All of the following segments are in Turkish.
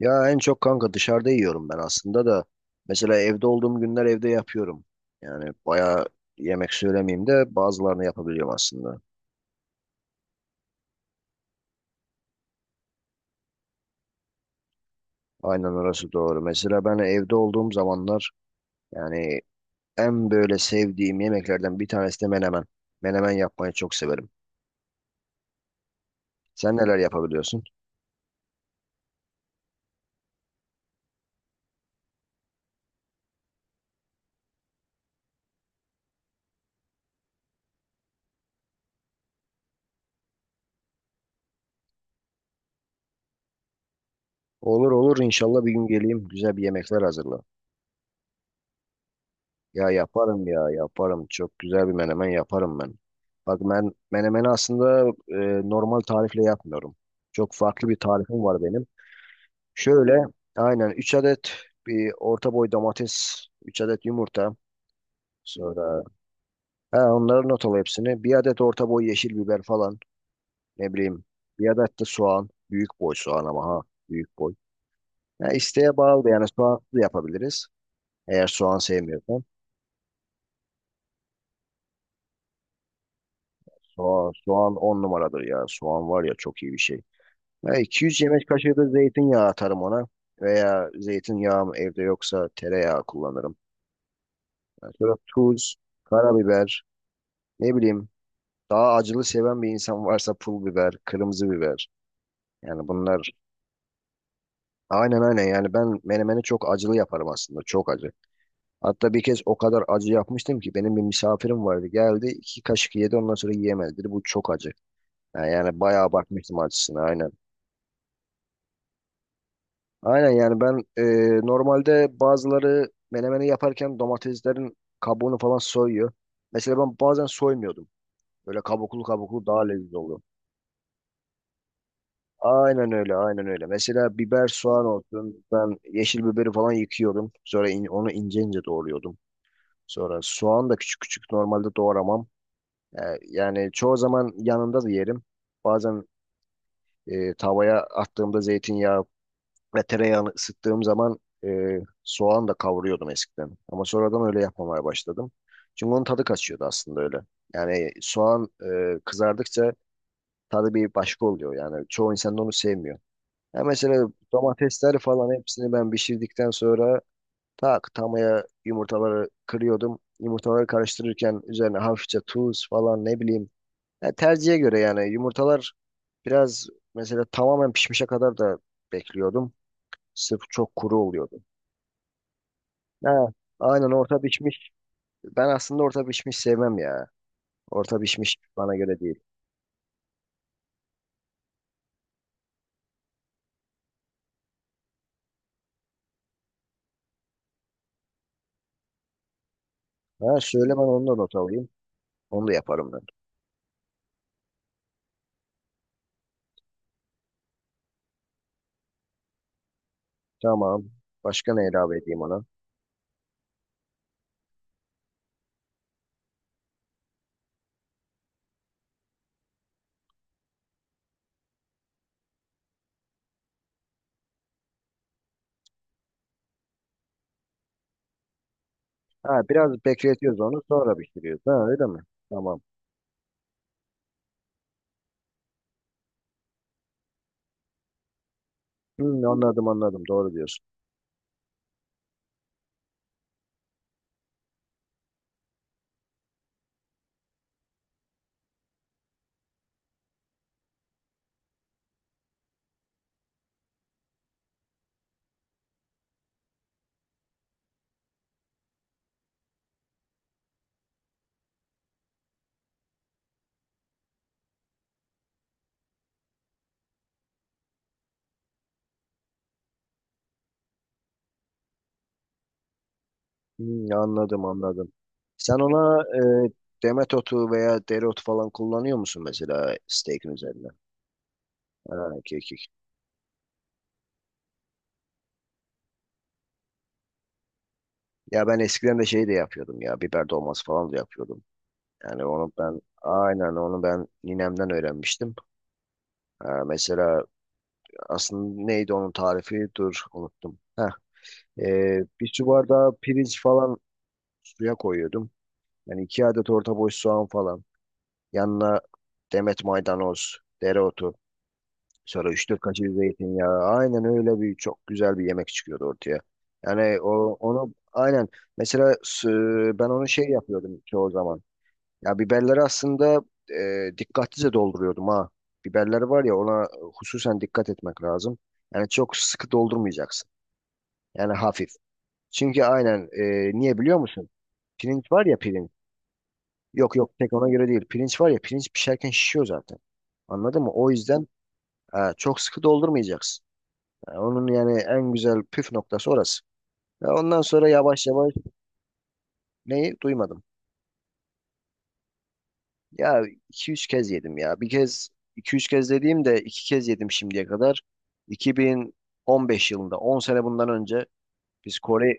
Ya en çok kanka dışarıda yiyorum ben aslında da. Mesela evde olduğum günler evde yapıyorum. Yani bayağı yemek söylemeyeyim de bazılarını yapabiliyorum aslında. Aynen orası doğru. Mesela ben evde olduğum zamanlar yani en böyle sevdiğim yemeklerden bir tanesi de menemen. Menemen yapmayı çok severim. Sen neler yapabiliyorsun? Olur olur inşallah bir gün geleyim güzel bir yemekler hazırla. Ya yaparım ya yaparım. Çok güzel bir menemen yaparım ben. Bak ben menemeni aslında normal tarifle yapmıyorum. Çok farklı bir tarifim var benim. Şöyle aynen 3 adet bir orta boy domates, 3 adet yumurta. Sonra ha, onları not al hepsini. Bir adet orta boy yeşil biber falan. Ne bileyim. Bir adet de soğan. Büyük boy soğan ama ha. Büyük boy. Ya isteğe bağlı yani soğan da yapabiliriz. Eğer soğan sevmiyorsan. Soğan, soğan on numaradır ya. Soğan var ya çok iyi bir şey. Ya 200 yemek kaşığı da zeytinyağı atarım ona. Veya zeytinyağım evde yoksa tereyağı kullanırım. Yani sonra tuz, karabiber, ne bileyim daha acılı seven bir insan varsa pul biber, kırmızı biber. Yani bunlar aynen aynen yani ben menemeni çok acılı yaparım aslında çok acı. Hatta bir kez o kadar acı yapmıştım ki benim bir misafirim vardı geldi iki kaşık yedi ondan sonra yiyemedi dedi bu çok acı. Yani bayağı bakmıştım acısına aynen. Aynen yani ben normalde bazıları menemeni yaparken domateslerin kabuğunu falan soyuyor. Mesela ben bazen soymuyordum. Böyle kabuklu kabuklu daha lezzetli oluyor. Aynen öyle, aynen öyle. Mesela biber, soğan olsun. Ben yeşil biberi falan yıkıyorum. Sonra onu ince ince doğruyordum. Sonra soğan da küçük küçük normalde doğramam. E, Yani çoğu zaman yanında da yerim. Bazen tavaya attığımda zeytinyağı ve tereyağını ısıttığım zaman soğan da kavuruyordum eskiden. Ama sonradan öyle yapmamaya başladım. Çünkü onun tadı kaçıyordu aslında öyle. Yani soğan kızardıkça tadı bir başka oluyor. Yani çoğu insan da onu sevmiyor. Ya mesela domatesleri falan hepsini ben pişirdikten sonra tak tamaya yumurtaları kırıyordum. Yumurtaları karıştırırken üzerine hafifçe tuz falan ne bileyim. Ya tercihe göre yani yumurtalar biraz mesela tamamen pişmişe kadar da bekliyordum. Sırf çok kuru oluyordu. Ha, aynen orta pişmiş. Ben aslında orta pişmiş sevmem ya. Orta pişmiş bana göre değil. Ha, söyle ben onu da not alayım. Onu da yaparım ben. Tamam. Başka ne ilave edeyim ona? Ha, biraz bekletiyoruz onu sonra pişiriyoruz. Ha, öyle mi? Tamam. Hmm, anladım anladım. Doğru diyorsun. Hmm, anladım anladım. Sen ona e, demet otu veya dereotu falan kullanıyor musun mesela steak'in üzerine? Ha, kekik. Ya ben eskiden de şey de yapıyordum ya. Biber dolması falan da yapıyordum. Yani onu ben aynen onu ben ninemden öğrenmiştim. Ha, mesela aslında neydi onun tarifi? Dur unuttum. Heh, bir su bardağı pirinç falan suya koyuyordum. Yani iki adet orta boy soğan falan. Yanına demet maydanoz, dereotu. Sonra 3-4 kaşık zeytinyağı. Aynen öyle bir çok güzel bir yemek çıkıyordu ortaya. Yani o, onu aynen mesela ben onu şey yapıyordum çoğu zaman. Ya biberleri aslında dikkatlice dolduruyordum ha. Biberleri var ya ona hususen dikkat etmek lazım. Yani çok sıkı doldurmayacaksın. Yani hafif. Çünkü aynen niye biliyor musun? Pirinç var ya pirinç. Yok yok tek ona göre değil. Pirinç var ya pirinç pişerken şişiyor zaten. Anladın mı? O yüzden çok sıkı doldurmayacaksın. Yani onun yani en güzel püf noktası orası. Ve ondan sonra yavaş yavaş neyi duymadım. Ya iki üç kez yedim ya. Bir kez iki üç kez dediğim de 2 kez yedim şimdiye kadar. 2015 yılında 10 sene bundan önce biz Kore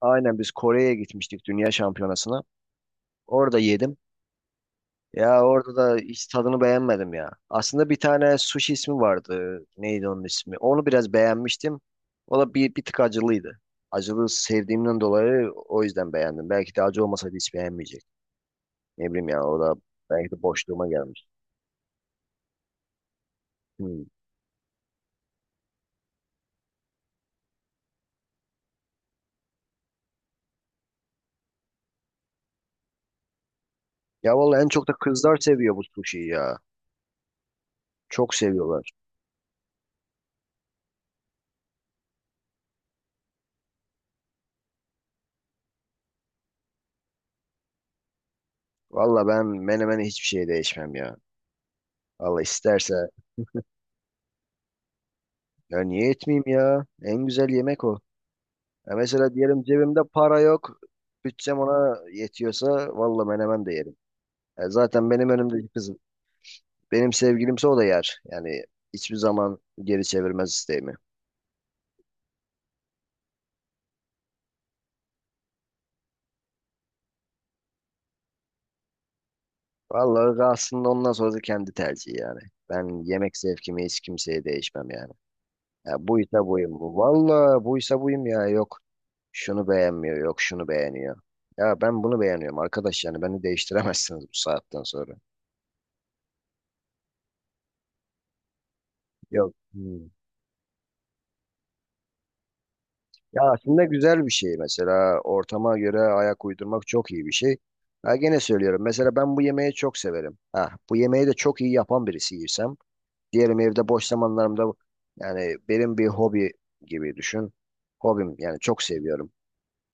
aynen biz Kore'ye gitmiştik dünya şampiyonasına. Orada yedim. Ya orada da hiç tadını beğenmedim ya. Aslında bir tane sushi ismi vardı. Neydi onun ismi? Onu biraz beğenmiştim. O da bir tık acılıydı. Acılı sevdiğimden dolayı o yüzden beğendim. Belki de acı olmasaydı hiç beğenmeyecek. Ne bileyim ya o da belki de boşluğuma gelmiş. Hmm. Ya vallahi en çok da kızlar seviyor bu suşiyi ya. Çok seviyorlar. Vallahi ben menemene hiçbir şeye değişmem ya. Allah isterse ya niye etmeyeyim ya? En güzel yemek o. Ya mesela diyelim cebimde para yok. Bütçem ona yetiyorsa vallahi menemen de yerim. Ya zaten benim önümdeki kız benim sevgilimse o da yer. Yani hiçbir zaman geri çevirmez isteğimi. Vallahi aslında ondan sonrası kendi tercihi yani. Ben yemek zevkimi hiç kimseye değişmem yani. Ya buysa buyum. Vallahi buysa buyum ya. Yok şunu beğenmiyor, yok şunu beğeniyor. Ya ben bunu beğeniyorum arkadaş yani beni değiştiremezsiniz bu saatten sonra. Yok. Hmm. Ya aslında güzel bir şey mesela ortama göre ayak uydurmak çok iyi bir şey. Ha gene söylüyorum mesela ben bu yemeği çok severim. Ha bu yemeği de çok iyi yapan birisiysem diyelim evde boş zamanlarımda yani benim bir hobi gibi düşün. Hobim yani çok seviyorum.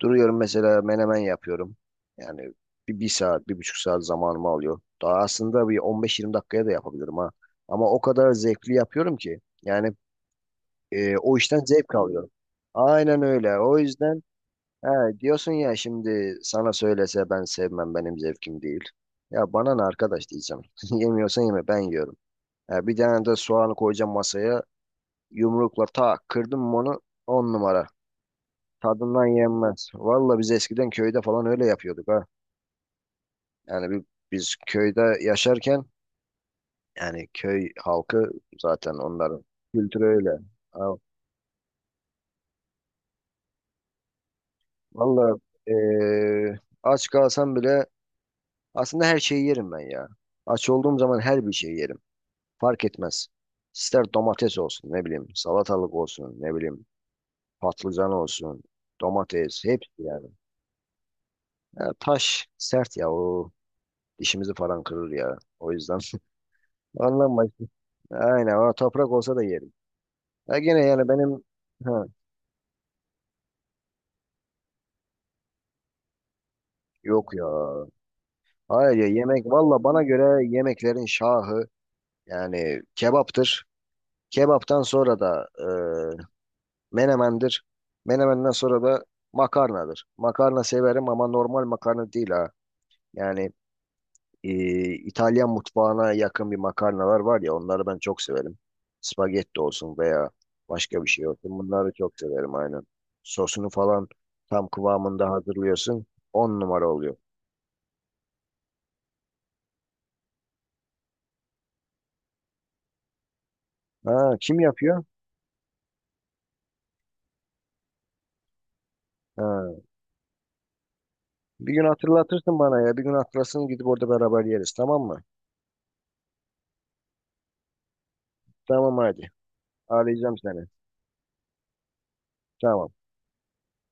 Duruyorum mesela menemen yapıyorum. Yani bir saat, bir buçuk saat zamanımı alıyor. Daha aslında bir 15-20 dakikaya da yapabilirim ha. Ama o kadar zevkli yapıyorum ki. Yani o işten zevk alıyorum. Aynen öyle. O yüzden he, diyorsun ya şimdi sana söylese ben sevmem benim zevkim değil. Ya bana ne arkadaş diyeceğim. Yemiyorsan yeme ben yiyorum. Ya bir tane de soğanı koyacağım masaya. Yumrukla tak kırdım mı onu on numara. Tadından yenmez. Valla biz eskiden köyde falan öyle yapıyorduk ha. Yani biz köyde yaşarken yani köy halkı zaten onların kültürü öyle. Ha. Vallahi aç kalsam bile aslında her şeyi yerim ben ya. Aç olduğum zaman her bir şeyi yerim. Fark etmez. İster domates olsun ne bileyim salatalık olsun ne bileyim patlıcan olsun domates hepsi yani. Ya taş sert ya o dişimizi falan kırır ya. O yüzden anlanmayız. Aynen o toprak olsa da yerim. Ya gene yani benim ha. Yok ya. Hayır ya yemek valla bana göre yemeklerin şahı yani kebaptır. Kebaptan sonra da menemendir. Menemenden sonra da makarnadır. Makarna severim ama normal makarna değil ha. Yani e, İtalyan mutfağına yakın bir makarnalar var ya onları ben çok severim. Spagetti olsun veya başka bir şey olsun bunları çok severim aynen. Sosunu falan tam kıvamında hazırlıyorsun. On numara oluyor. Ha, kim yapıyor? Ha. Bir gün hatırlatırsın bana ya. Bir gün hatırlasın gidip orada beraber yeriz tamam mı? Tamam hadi. Arayacağım seni. Tamam.